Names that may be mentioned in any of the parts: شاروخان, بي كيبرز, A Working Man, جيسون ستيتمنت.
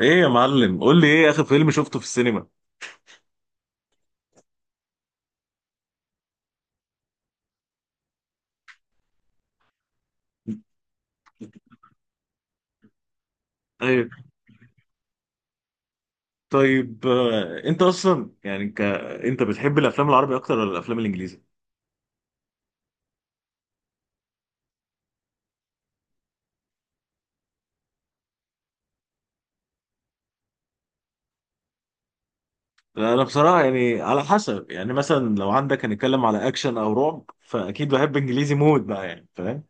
ايه يا معلم، قول لي ايه اخر فيلم شفته في السينما؟ ايوه. طيب، انت اصلا يعني انت بتحب الافلام العربي اكتر ولا الافلام الانجليزي؟ لا، انا بصراحه يعني على حسب، يعني مثلا لو عندك هنتكلم على اكشن او رعب فاكيد بحب انجليزي مود بقى يعني فاهم.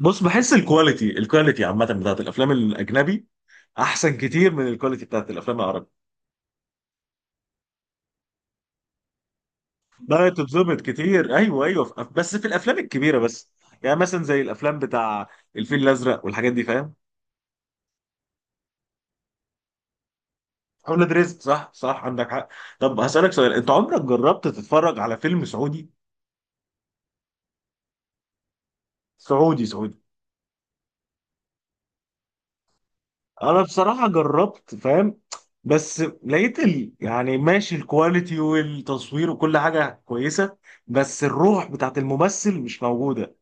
بص، بحس الكواليتي عامه بتاعت الافلام الاجنبي احسن كتير من الكواليتي بتاعت الافلام العربي. ده تتظبط كتير، ايوه ايوه، بس في الافلام الكبيره بس. يعني مثلا زي الافلام بتاع الفيل الازرق والحاجات دي فاهم. اولاد رزق، صح صح، عندك حق. طب هسألك سؤال، انت عمرك جربت تتفرج على فيلم سعودي؟ سعودي سعودي. انا بصراحة جربت فاهم، بس لقيت يعني ماشي الكواليتي والتصوير وكل حاجة كويسة، بس الروح بتاعت الممثل مش موجودة.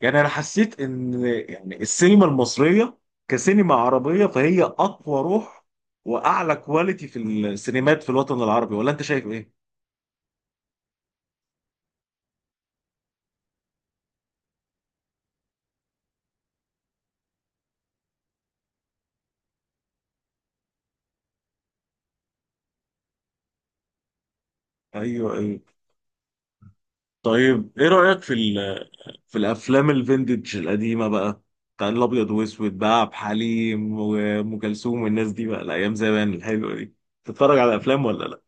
يعني انا حسيت ان يعني السينما المصرية كسينما عربية فهي اقوى روح واعلى كواليتي في السينمات في الوطن العربي، ولا انت شايف ايه؟ ايوه ايوه. طيب، ايه رأيك في في الافلام الفينتج القديمه بقى، بتاع الابيض واسود بقى، عبد الحليم وام كلثوم والناس دي بقى، الايام زمان الحلوه دي، تتفرج على افلام ولا لا؟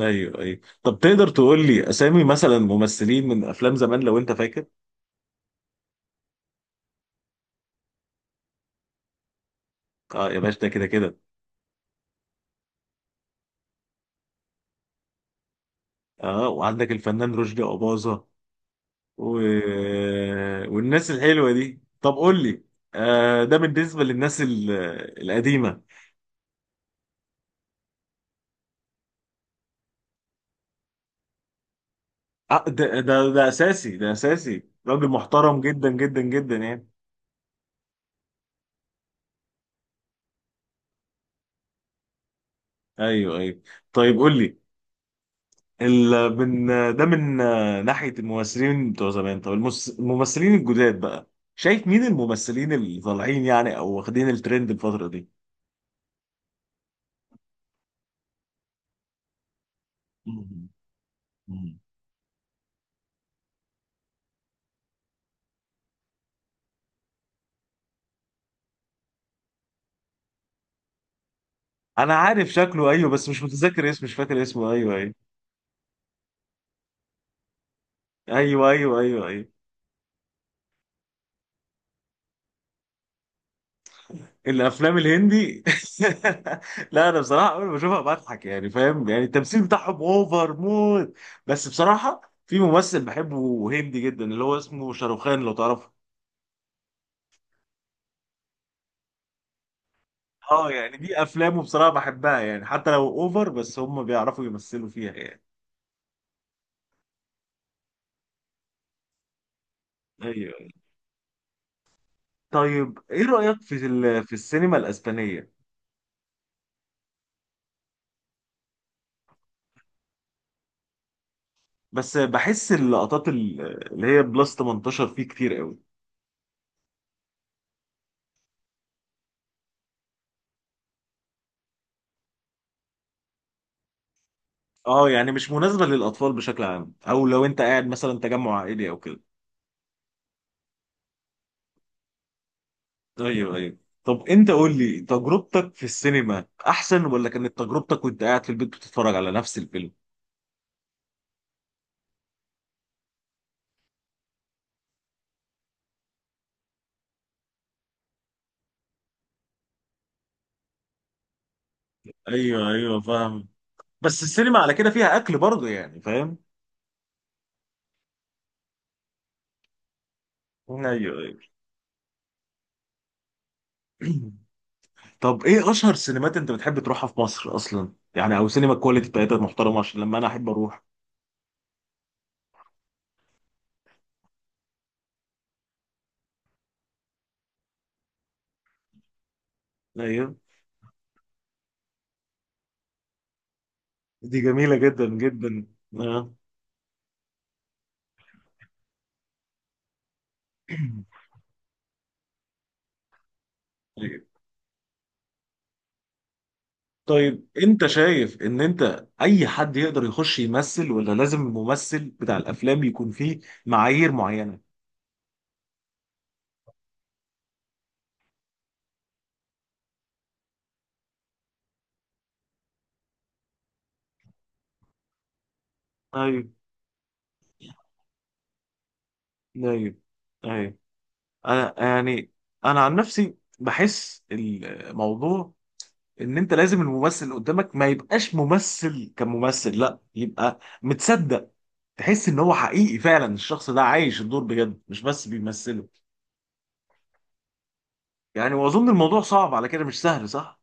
ايوه ايوه. طب تقدر تقول لي اسامي مثلا ممثلين من افلام زمان لو انت فاكر؟ اه يا باشا، ده كده كده. اه، وعندك الفنان رشدي اباظه، و... والناس الحلوه دي. طب قول لي، آه، ده بالنسبه للناس القديمه. آه، ده اساسي، ده اساسي، راجل محترم جدا جدا جدا يعني. ايوه ايوه. طيب قول لي من، ده من ناحيه الممثلين بتوع زمان. طب الممثلين الجداد بقى، شايف مين الممثلين اللي طالعين يعني او واخدين الترند الفتره دي؟ مم. مم. انا عارف شكله، ايوه، بس مش متذكر اسمه، مش فاكر اسمه، ايوه ايوه ايوه ايوه ايوه ايوه. الافلام الهندي لا، انا بصراحه اول ما بشوفها بضحك، يعني فاهم، يعني التمثيل بتاعهم اوفر موت، بس بصراحه في ممثل بحبه هندي جدا اللي هو اسمه شاروخان، لو تعرفه. اه، يعني دي افلامه بصراحه بحبها، يعني حتى لو اوفر بس هم بيعرفوا يمثلوا فيها يعني. ايوه. طيب، ايه رايك في في السينما الاسبانيه؟ بس بحس اللقطات اللي هي بلس 18 فيه كتير قوي. اه، يعني مش مناسبه للاطفال بشكل عام، او لو انت قاعد مثلا تجمع عائلي او كده. ايوه ايوه. طب انت قول لي تجربتك في السينما احسن، ولا كانت تجربتك وانت قاعد في البيت بتتفرج على نفس الفيلم؟ ايوه ايوه فاهم. بس السينما على كده فيها اكل برضه يعني فاهم. ايوه ايوه. طب ايه اشهر سينمات انت بتحب تروحها في مصر اصلا، يعني او سينما الكواليتي بتاعتها محترمه عشان لما انا احب اروح؟ ايوه، دي جميله جدا جدا. آه. أيوة. طيب، انت شايف ان انت اي حد يقدر يخش يمثل، ولا لازم الممثل بتاع الافلام يكون فيه معايير معينه؟ ايوه ايوه ايوه. انا يعني، انا عن نفسي بحس الموضوع ان انت لازم الممثل اللي قدامك ما يبقاش ممثل كممثل، لا يبقى متصدق، تحس ان هو حقيقي فعلا، الشخص ده عايش الدور بجد مش بس بيمثله. يعني واظن الموضوع صعب على كده، مش سهل، صح؟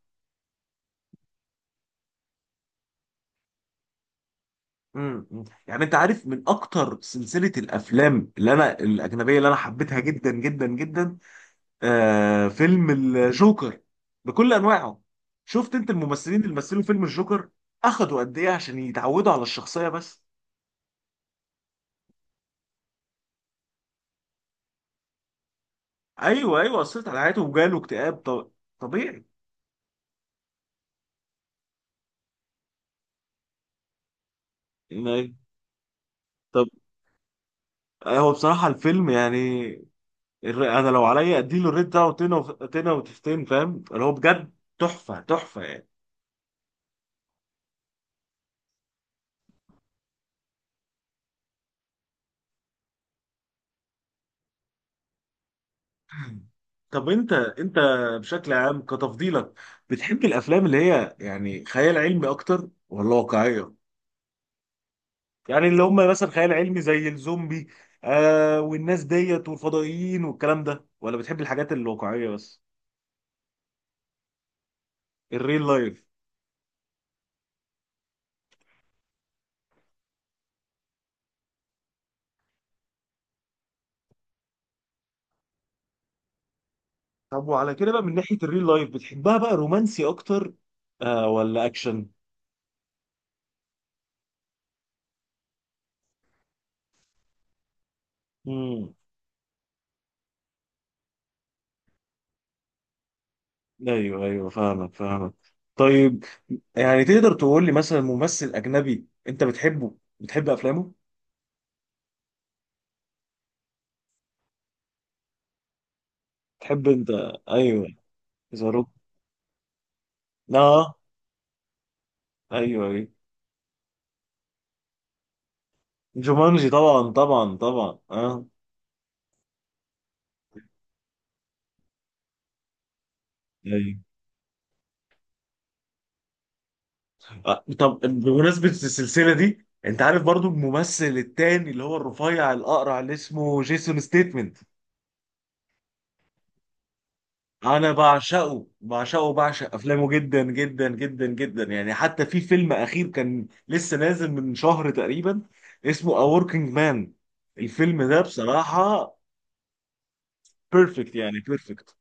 إمم. يعني انت عارف من اكتر سلسله الافلام اللي انا الاجنبيه اللي انا حبيتها جدا جدا جدا، فيلم الجوكر بكل انواعه. شفت انت الممثلين اللي مثلوا فيلم الجوكر اخدوا قد ايه عشان يتعودوا على الشخصيه بس؟ ايوه ايوه، اثرت على حياته وجاله اكتئاب. طبيعي. إن- طب هو بصراحه الفيلم يعني، انا لو عليا اديله الريت ده وتنه تنه وتفتين فاهم، اللي هو بجد تحفه تحفه يعني. طب انت بشكل عام كتفضيلك بتحب الافلام اللي هي يعني خيال علمي اكتر، ولا واقعيه؟ يعني اللي هم مثلا خيال علمي زي الزومبي والناس ديت والفضائيين والكلام ده، ولا بتحب الحاجات الواقعيه بس؟ الريل لايف. طب وعلى كده بقى، من ناحية الريل لايف، بتحبها بقى رومانسي أكتر ولا أكشن؟ امم. أيوه أيوه فاهمك فاهمك. طيب، يعني تقدر تقول لي مثلا ممثل أجنبي أنت بتحب أفلامه؟ تحب أنت؟ أيوه. ذا روك. آه أيوه أيوه. جومانجي، طبعا طبعا طبعا آه. أيوه. طب بمناسبة السلسلة دي، أنت عارف برضو الممثل التاني اللي هو الرفيع الأقرع اللي اسمه جيسون ستيتمنت؟ انا بعشق افلامه جدا جدا جدا جدا يعني، حتى في فيلم اخير كان لسه نازل من شهر تقريبا اسمه A Working Man. الفيلم ده بصراحة بيرفكت يعني بيرفكت.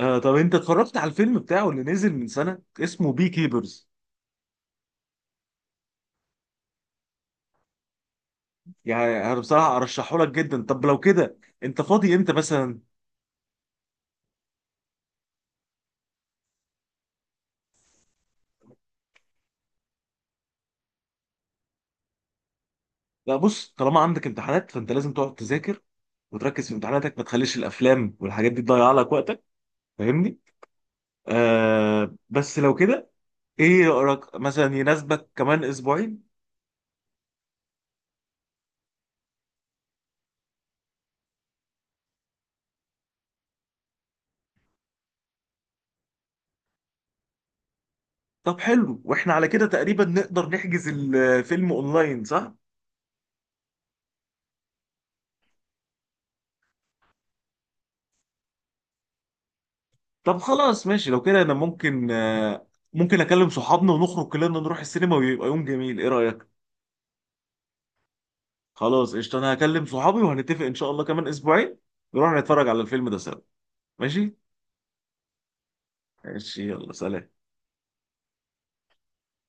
طب انت اتفرجت على الفيلم بتاعه اللي نزل من سنة اسمه بي كيبرز؟ يعني انا بصراحة ارشحه لك جدا. طب لو كده انت فاضي امتى مثلا؟ لا بص، طالما عندك امتحانات فانت لازم تقعد تذاكر وتركز في امتحاناتك، ما تخليش الافلام والحاجات دي تضيع لك وقتك فاهمني. بس لو كده ايه رأيك، مثلا يناسبك كمان اسبوعين؟ طب حلو، واحنا على كده تقريبا نقدر نحجز الفيلم اونلاين، صح؟ طب خلاص ماشي، لو كده انا ممكن، ممكن اكلم صحابنا ونخرج كلنا نروح السينما ويبقى يوم جميل، ايه رأيك؟ خلاص قشطة، انا هكلم صحابي وهنتفق ان شاء الله كمان اسبوعين نروح نتفرج على الفيلم ده سوا. ماشي. ماشي، يلا سلام.